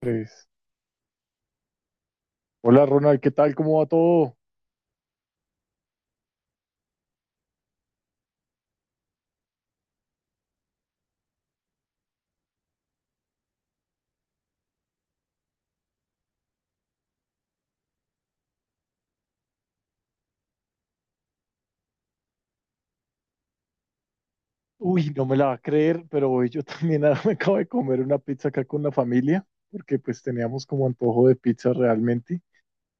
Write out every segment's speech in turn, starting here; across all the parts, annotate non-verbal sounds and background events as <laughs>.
Tres. Hola Ronald, ¿qué tal? ¿Cómo va todo? Uy, no me la va a creer, pero hoy yo también <laughs> me acabo de comer una pizza acá con la familia, porque pues teníamos como antojo de pizza realmente.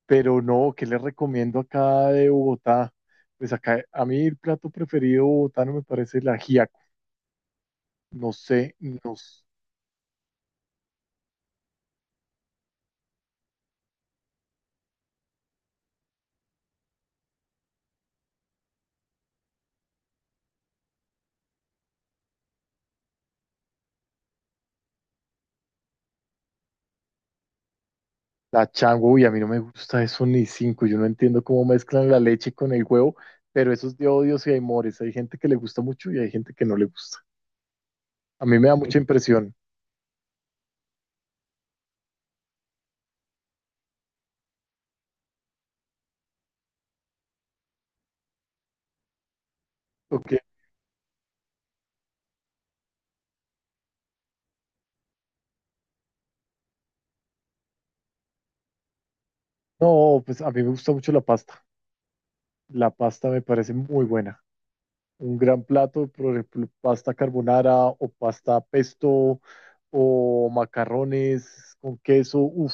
Pero no, ¿qué les recomiendo acá de Bogotá? Pues acá a mí el plato preferido bogotano me parece la ajiaco. No sé, nos, la chango, uy, a mí no me gusta eso ni cinco. Yo no entiendo cómo mezclan la leche con el huevo, pero eso es de odios y amores. Hay gente que le gusta mucho y hay gente que no le gusta. A mí me da mucha impresión. Ok. No, pues a mí me gusta mucho la pasta. La pasta me parece muy buena. Un gran plato, por ejemplo, pasta carbonara o pasta pesto o macarrones con queso. Uf,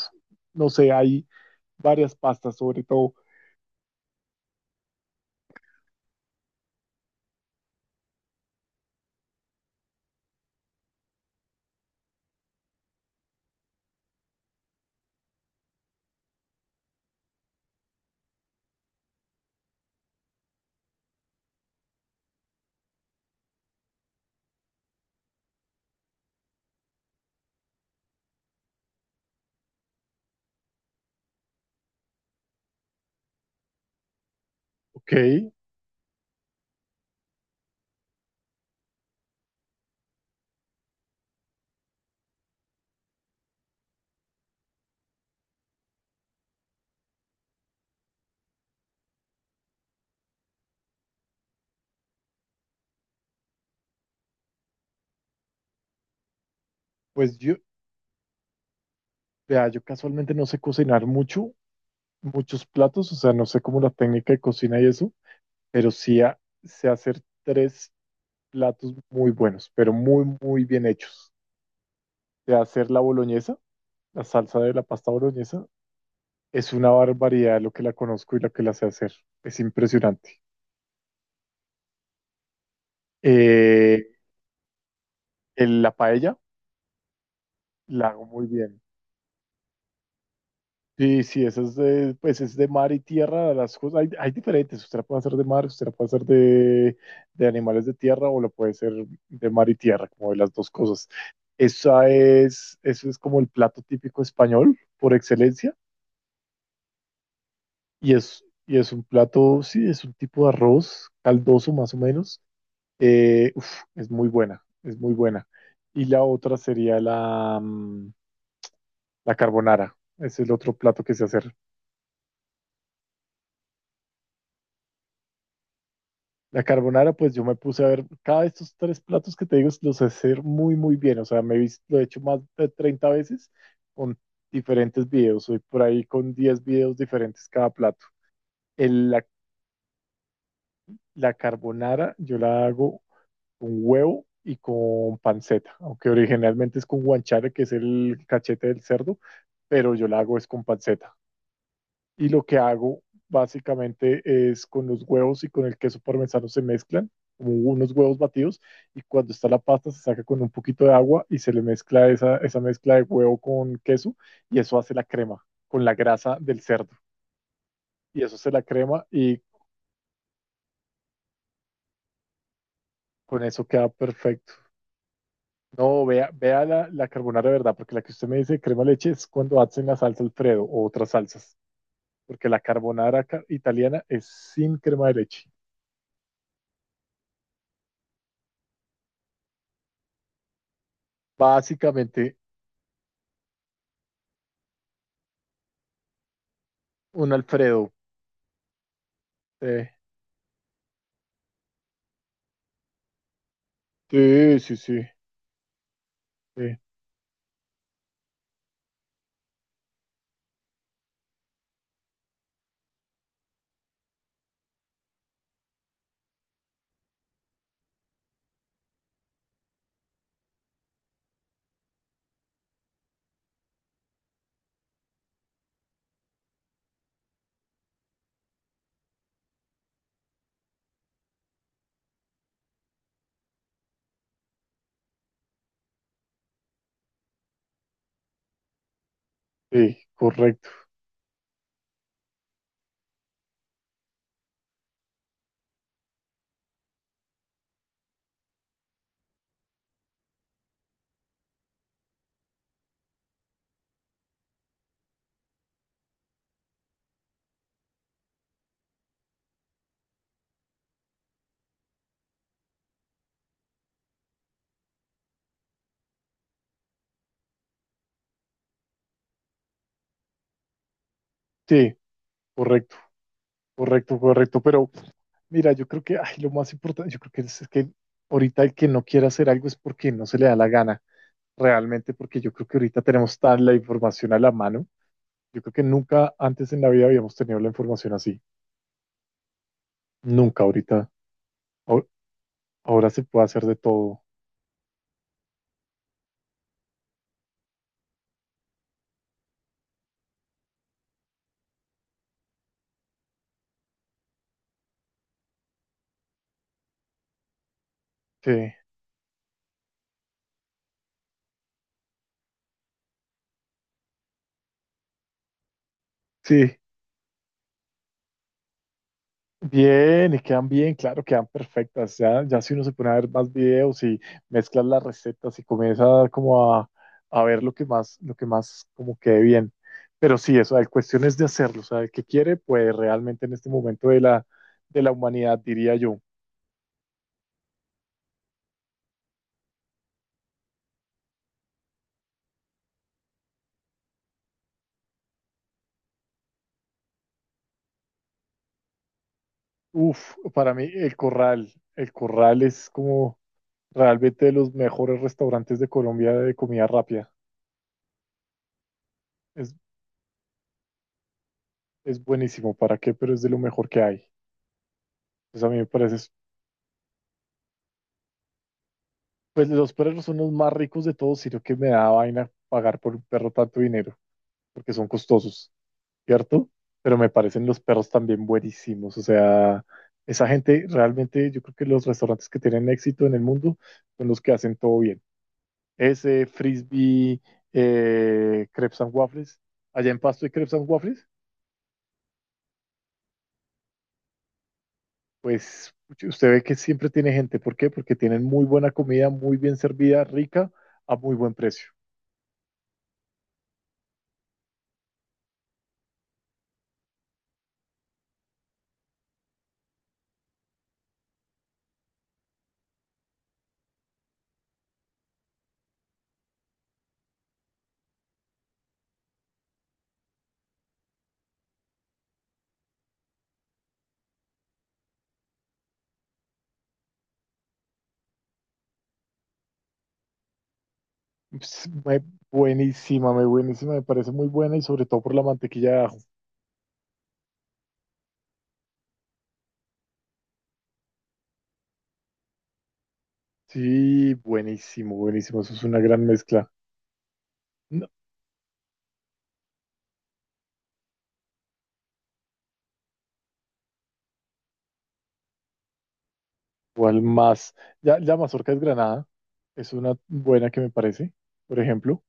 no sé, hay varias pastas sobre todo. Ok, pues yo, vea, yo casualmente no sé cocinar mucho, muchos platos, o sea, no sé cómo la técnica de cocina y eso, pero sí sé hacer tres platos muy buenos, pero muy bien hechos. Sé hacer la boloñesa. La salsa de la pasta boloñesa es una barbaridad lo que la conozco y lo que la sé hacer. Es impresionante. Eh, la paella la hago muy bien. Sí, sí, esa es de, pues es de mar y tierra, las cosas, hay diferentes, usted la puede hacer de mar, usted la puede hacer de animales de tierra o la puede hacer de mar y tierra, como de las dos cosas. Esa es, eso es como el plato típico español por excelencia y es un plato, sí, es un tipo de arroz caldoso más o menos. Eh, uf, es muy buena, es muy buena. Y la otra sería la, la carbonara. Ese es el otro plato que sé hacer. La carbonara, pues yo me puse a ver, cada de estos tres platos que te digo los sé hacer muy bien. O sea, me he visto, lo he hecho más de 30 veces con diferentes videos. Soy por ahí con 10 videos diferentes cada plato. El, la, la carbonara yo la hago con huevo y con panceta, aunque originalmente es con guanciale que es el cachete del cerdo, pero yo la hago es con panceta. Y lo que hago básicamente es con los huevos y con el queso parmesano se mezclan, como unos huevos batidos, y cuando está la pasta se saca con un poquito de agua y se le mezcla esa mezcla de huevo con queso y eso hace la crema con la grasa del cerdo. Y eso se la crema y con eso queda perfecto. No, vea, vea la, la carbonara de verdad, porque la que usted me dice crema de leche es cuando hacen la salsa Alfredo o otras salsas, porque la carbonara italiana es sin crema de leche. Básicamente un Alfredo. eh, sí, sí, sí, sí, sí, correcto. Sí, correcto, correcto, correcto. Pero mira, yo creo que ay, lo más importante, yo creo que es que ahorita el que no quiera hacer algo es porque no se le da la gana realmente, porque yo creo que ahorita tenemos tan la información a la mano. Yo creo que nunca antes en la vida habíamos tenido la información así. Nunca ahorita. Ahor- Ahora se puede hacer de todo. Sí, sí. Bien, y quedan bien, claro, quedan perfectas. Ya, ya si uno se pone a ver más videos y mezclas las recetas y comienza como a ver lo que más como quede bien. Pero sí, eso, la cuestión es de hacerlo. O sea, el que quiere, pues realmente en este momento de la humanidad, diría yo. Uf, para mí el corral es como realmente de los mejores restaurantes de Colombia de comida rápida. Es, es buenísimo, ¿para qué? Pero es de lo mejor que hay. Pues a mí me parece, pues los perros son los más ricos de todos, sino que me da vaina pagar por un perro tanto dinero, porque son costosos, ¿cierto? Pero me parecen los perros también buenísimos. O sea, esa gente realmente, yo creo que los restaurantes que tienen éxito en el mundo son los que hacen todo bien. Ese, Frisbee, Crepes and Waffles. Allá en Pasto hay Crepes and Waffles. Pues usted ve que siempre tiene gente. ¿Por qué? Porque tienen muy buena comida, muy bien servida, rica, a muy buen precio. Ps, me- Buenísima, me buenísima, me parece muy buena y sobre todo por la mantequilla de ajo. Sí, buenísimo, buenísimo. Eso es una gran mezcla. No, ¿cuál más? Ya, la mazorca es granada. Es una buena que me parece, por ejemplo.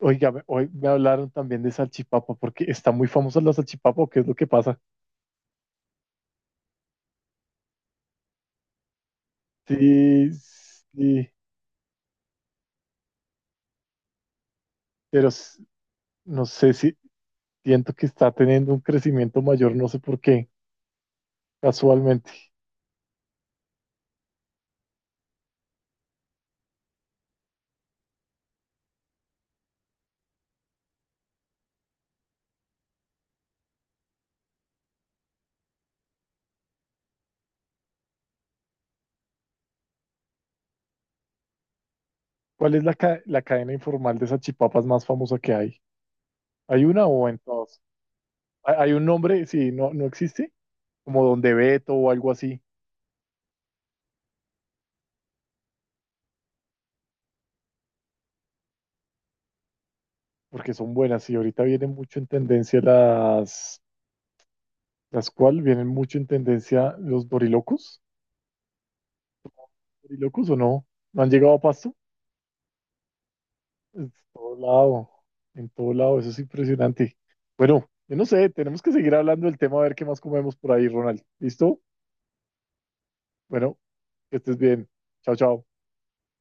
Oiga, hoy me hablaron también de salchipapa, porque está muy famosa la salchipapa, ¿o ¿qué es lo que pasa? Sí, sí, pero no sé si siento que está teniendo un crecimiento mayor, no sé por qué, casualmente. ¿Cuál es la, la cadena informal de salchipapas más famosa que hay? ¿Hay una o en todas? ¿Hay, hay un nombre? Sí, no, no existe. Como Donde Beto o algo así, porque son buenas. Y ahorita vienen mucho en tendencia las... ¿Las cual vienen mucho en tendencia los dorilocos? ¿Dorilocos o no? ¿No han llegado a Pasto? En todo lado, en todo lado, eso es impresionante. Bueno, yo no sé, tenemos que seguir hablando del tema a ver qué más comemos por ahí, Ronald. ¿Listo? Bueno, que estés bien. Chao, chao.